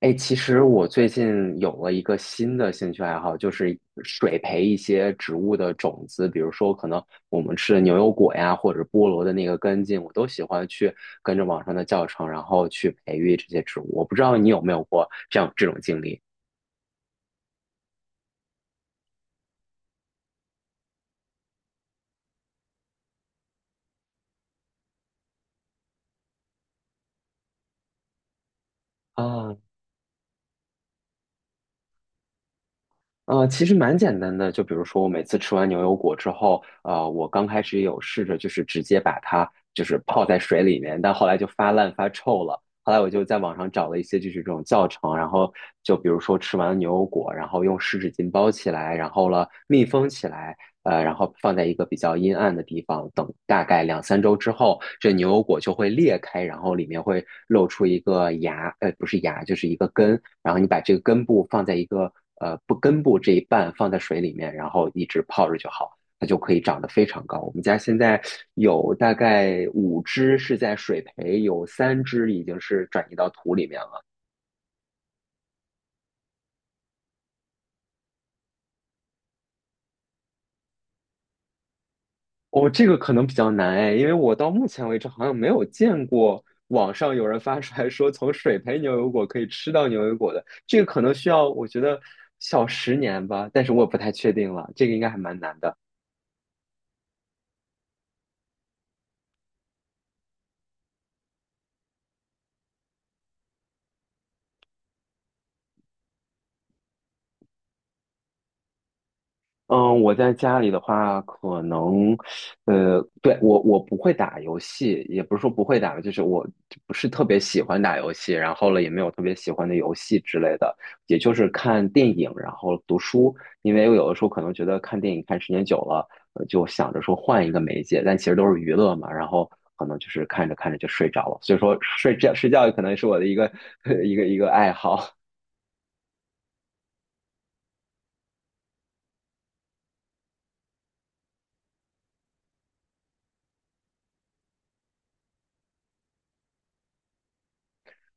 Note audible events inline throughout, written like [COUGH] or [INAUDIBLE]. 哎，其实我最近有了一个新的兴趣爱好，就是水培一些植物的种子，比如说可能我们吃的牛油果呀，或者菠萝的那个根茎，我都喜欢去跟着网上的教程，然后去培育这些植物。我不知道你有没有过这样这种经历啊？其实蛮简单的，就比如说我每次吃完牛油果之后，我刚开始也有试着就是直接把它就是泡在水里面，但后来就发烂发臭了。后来我就在网上找了一些就是这种教程，然后就比如说吃完牛油果，然后用湿纸巾包起来，然后了密封起来，然后放在一个比较阴暗的地方，等大概两三周之后，这牛油果就会裂开，然后里面会露出一个芽，不是芽，就是一个根。然后你把这个根部放在一个呃不根部这一半放在水里面，然后一直泡着就好，它就可以长得非常高。我们家现在有大概五只是在水培，有三只已经是转移到土里面了。哦，这个可能比较难哎，因为我到目前为止好像没有见过网上有人发出来说从水培牛油果可以吃到牛油果的，这个可能需要我觉得小十年吧，但是我也不太确定了，这个应该还蛮难的。嗯，我在家里的话，可能，对，我不会打游戏，也不是说不会打，就是我不是特别喜欢打游戏，然后了也没有特别喜欢的游戏之类的，也就是看电影，然后读书，因为我有的时候可能觉得看电影看时间久了，就想着说换一个媒介，但其实都是娱乐嘛，然后可能就是看着看着就睡着了，所以说睡觉可能是我的一个 [LAUGHS] 一个爱好。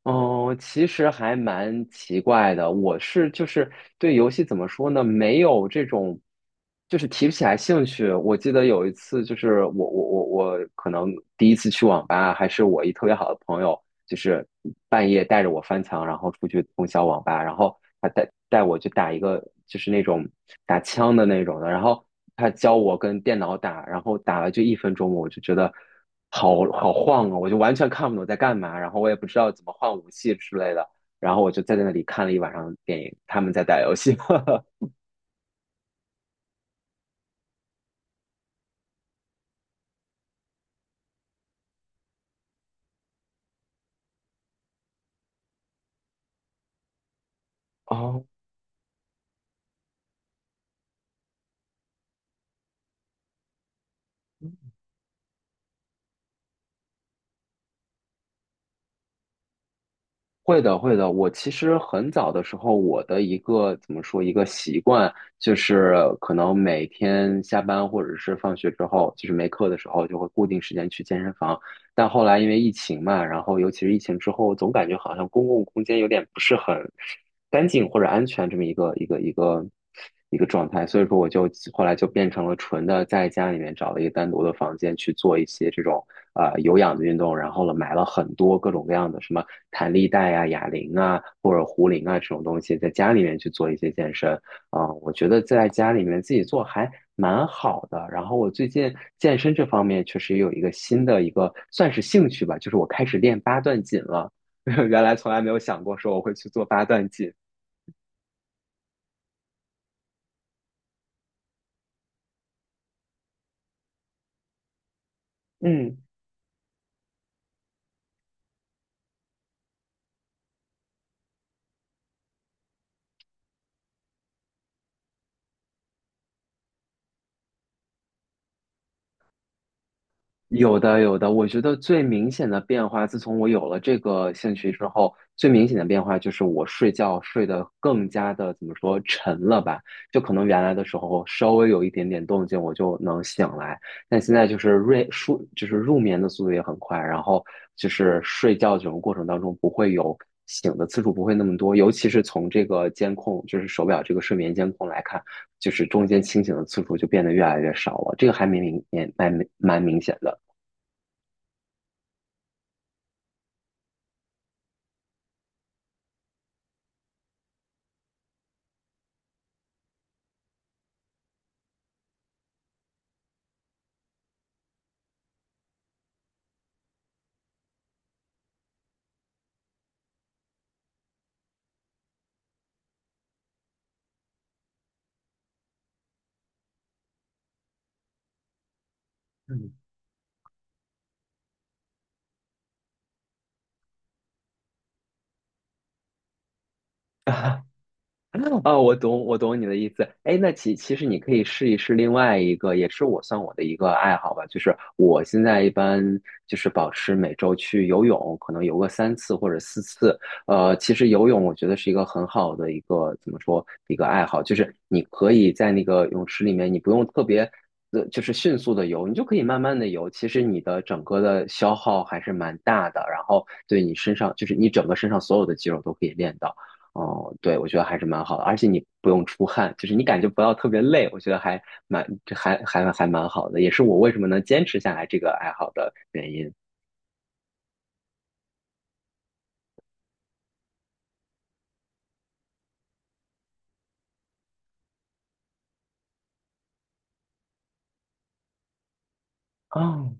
哦，其实还蛮奇怪的。我是就是对游戏怎么说呢，没有这种，就是提不起来兴趣。我记得有一次，就是我可能第一次去网吧，还是我一特别好的朋友，就是半夜带着我翻墙，然后出去通宵网吧，然后他带我去打一个就是那种打枪的那种的，然后他教我跟电脑打，然后打了就一分钟，我就觉得好好晃啊，我就完全看不懂在干嘛，然后我也不知道怎么换武器之类的，然后我就在那里看了一晚上电影，他们在打游戏。[LAUGHS] 哦，会的，会的。我其实很早的时候，我的一个怎么说一个习惯，就是可能每天下班或者是放学之后，就是没课的时候，就会固定时间去健身房。但后来因为疫情嘛，然后尤其是疫情之后，总感觉好像公共空间有点不是很干净或者安全这么一个状态，所以说我就后来就变成了纯的在家里面找了一个单独的房间去做一些这种有氧的运动，然后呢买了很多各种各样的什么。弹力带啊、哑铃啊或者壶铃啊这种东西，在家里面去做一些健身。我觉得在家里面自己做还蛮好的。然后我最近健身这方面确实也有一个新的一个算是兴趣吧，就是我开始练八段锦了。[LAUGHS] 原来从来没有想过说我会去做八段锦。嗯。有的，有的。我觉得最明显的变化，自从我有了这个兴趣之后，最明显的变化就是我睡觉睡得更加的怎么说沉了吧？就可能原来的时候稍微有一点点动静我就能醒来，但现在就是入熟就是入眠的速度也很快，然后就是睡觉这种过程当中不会有醒的次数不会那么多，尤其是从这个监控就是手表这个睡眠监控来看，就是中间清醒的次数就变得越来越少了，这个还蛮明显的。嗯，[LAUGHS] 哦，我懂，我懂你的意思。哎，那其实你可以试一试另外一个，也是我算我的一个爱好吧，就是我现在一般就是保持每周去游泳，可能游个三次或者四次。其实游泳我觉得是一个很好的一个怎么说一个爱好，就是你可以在那个泳池里面，你不用特别就是迅速的游，你就可以慢慢的游。其实你的整个的消耗还是蛮大的，然后对你身上就是你整个身上所有的肌肉都可以练到。哦，对，我觉得还是蛮好的，而且你不用出汗，就是你感觉不到特别累，我觉得这还蛮好的，也是我为什么能坚持下来这个爱好的原因。哦，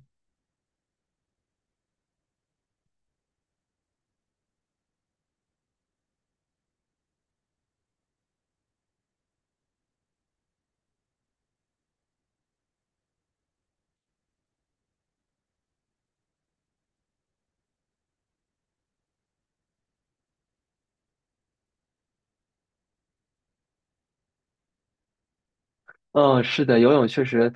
嗯，是的，游泳确实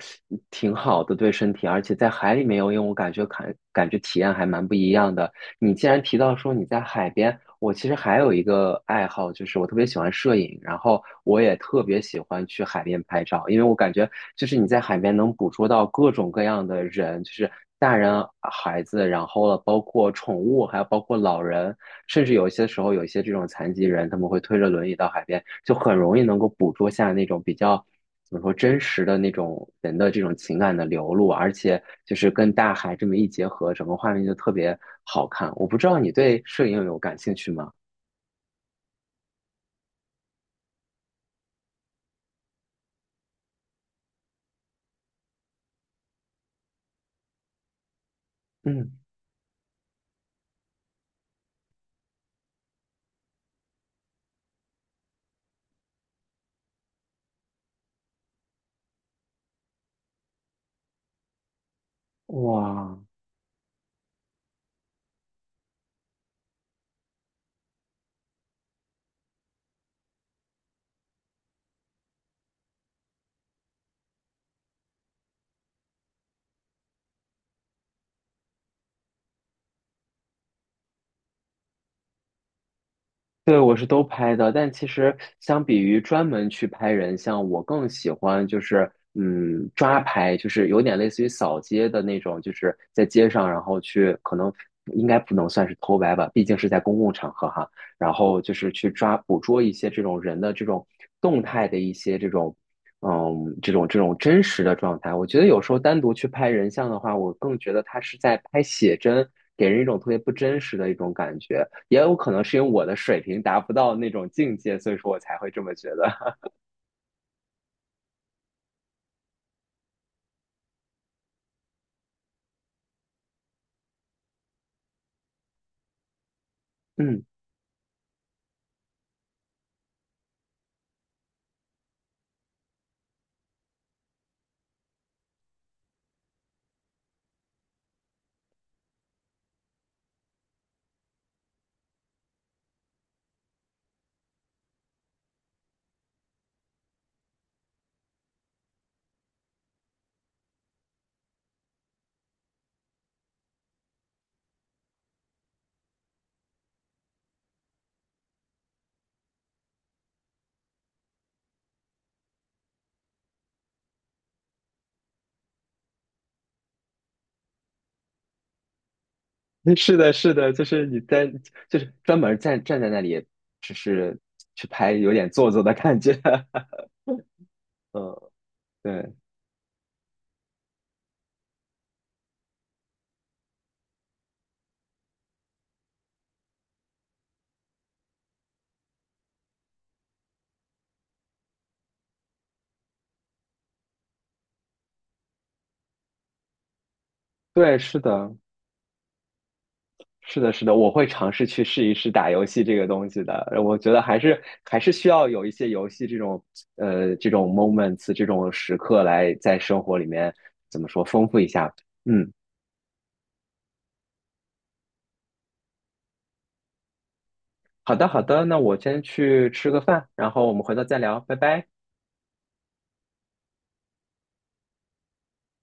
挺好的，对身体，而且在海里面游泳，我感觉感觉体验还蛮不一样的。你既然提到说你在海边，我其实还有一个爱好，就是我特别喜欢摄影，然后我也特别喜欢去海边拍照，因为我感觉就是你在海边能捕捉到各种各样的人，就是大人、孩子，然后了包括宠物，还有包括老人，甚至有一些时候有一些这种残疾人，他们会推着轮椅到海边，就很容易能够捕捉下那种比较，怎么说真实的那种人的这种情感的流露，而且就是跟大海这么一结合，整个画面就特别好看。我不知道你对摄影有感兴趣吗？嗯，哇，对，我是都拍的，但其实相比于专门去拍人像，我更喜欢就是抓拍，就是有点类似于扫街的那种，就是在街上，然后去可能应该不能算是偷拍吧，毕竟是在公共场合哈，然后就是去捕捉一些这种人的这种动态的一些这种这种真实的状态，我觉得有时候单独去拍人像的话，我更觉得他是在拍写真，给人一种特别不真实的一种感觉。也有可能是因为我的水平达不到那种境界，所以说我才会这么觉得。[LAUGHS] 嗯，是的，是的，就是你在，就是专门站在那里，只是去拍，有点做作的感觉。[LAUGHS] 嗯，对，对，是的，是的，是的，我会尝试去试一试打游戏这个东西的。我觉得还是需要有一些游戏这种这种 moments 这种时刻来在生活里面怎么说丰富一下。嗯，好的，好的，那我先去吃个饭，然后我们回头再聊，拜拜。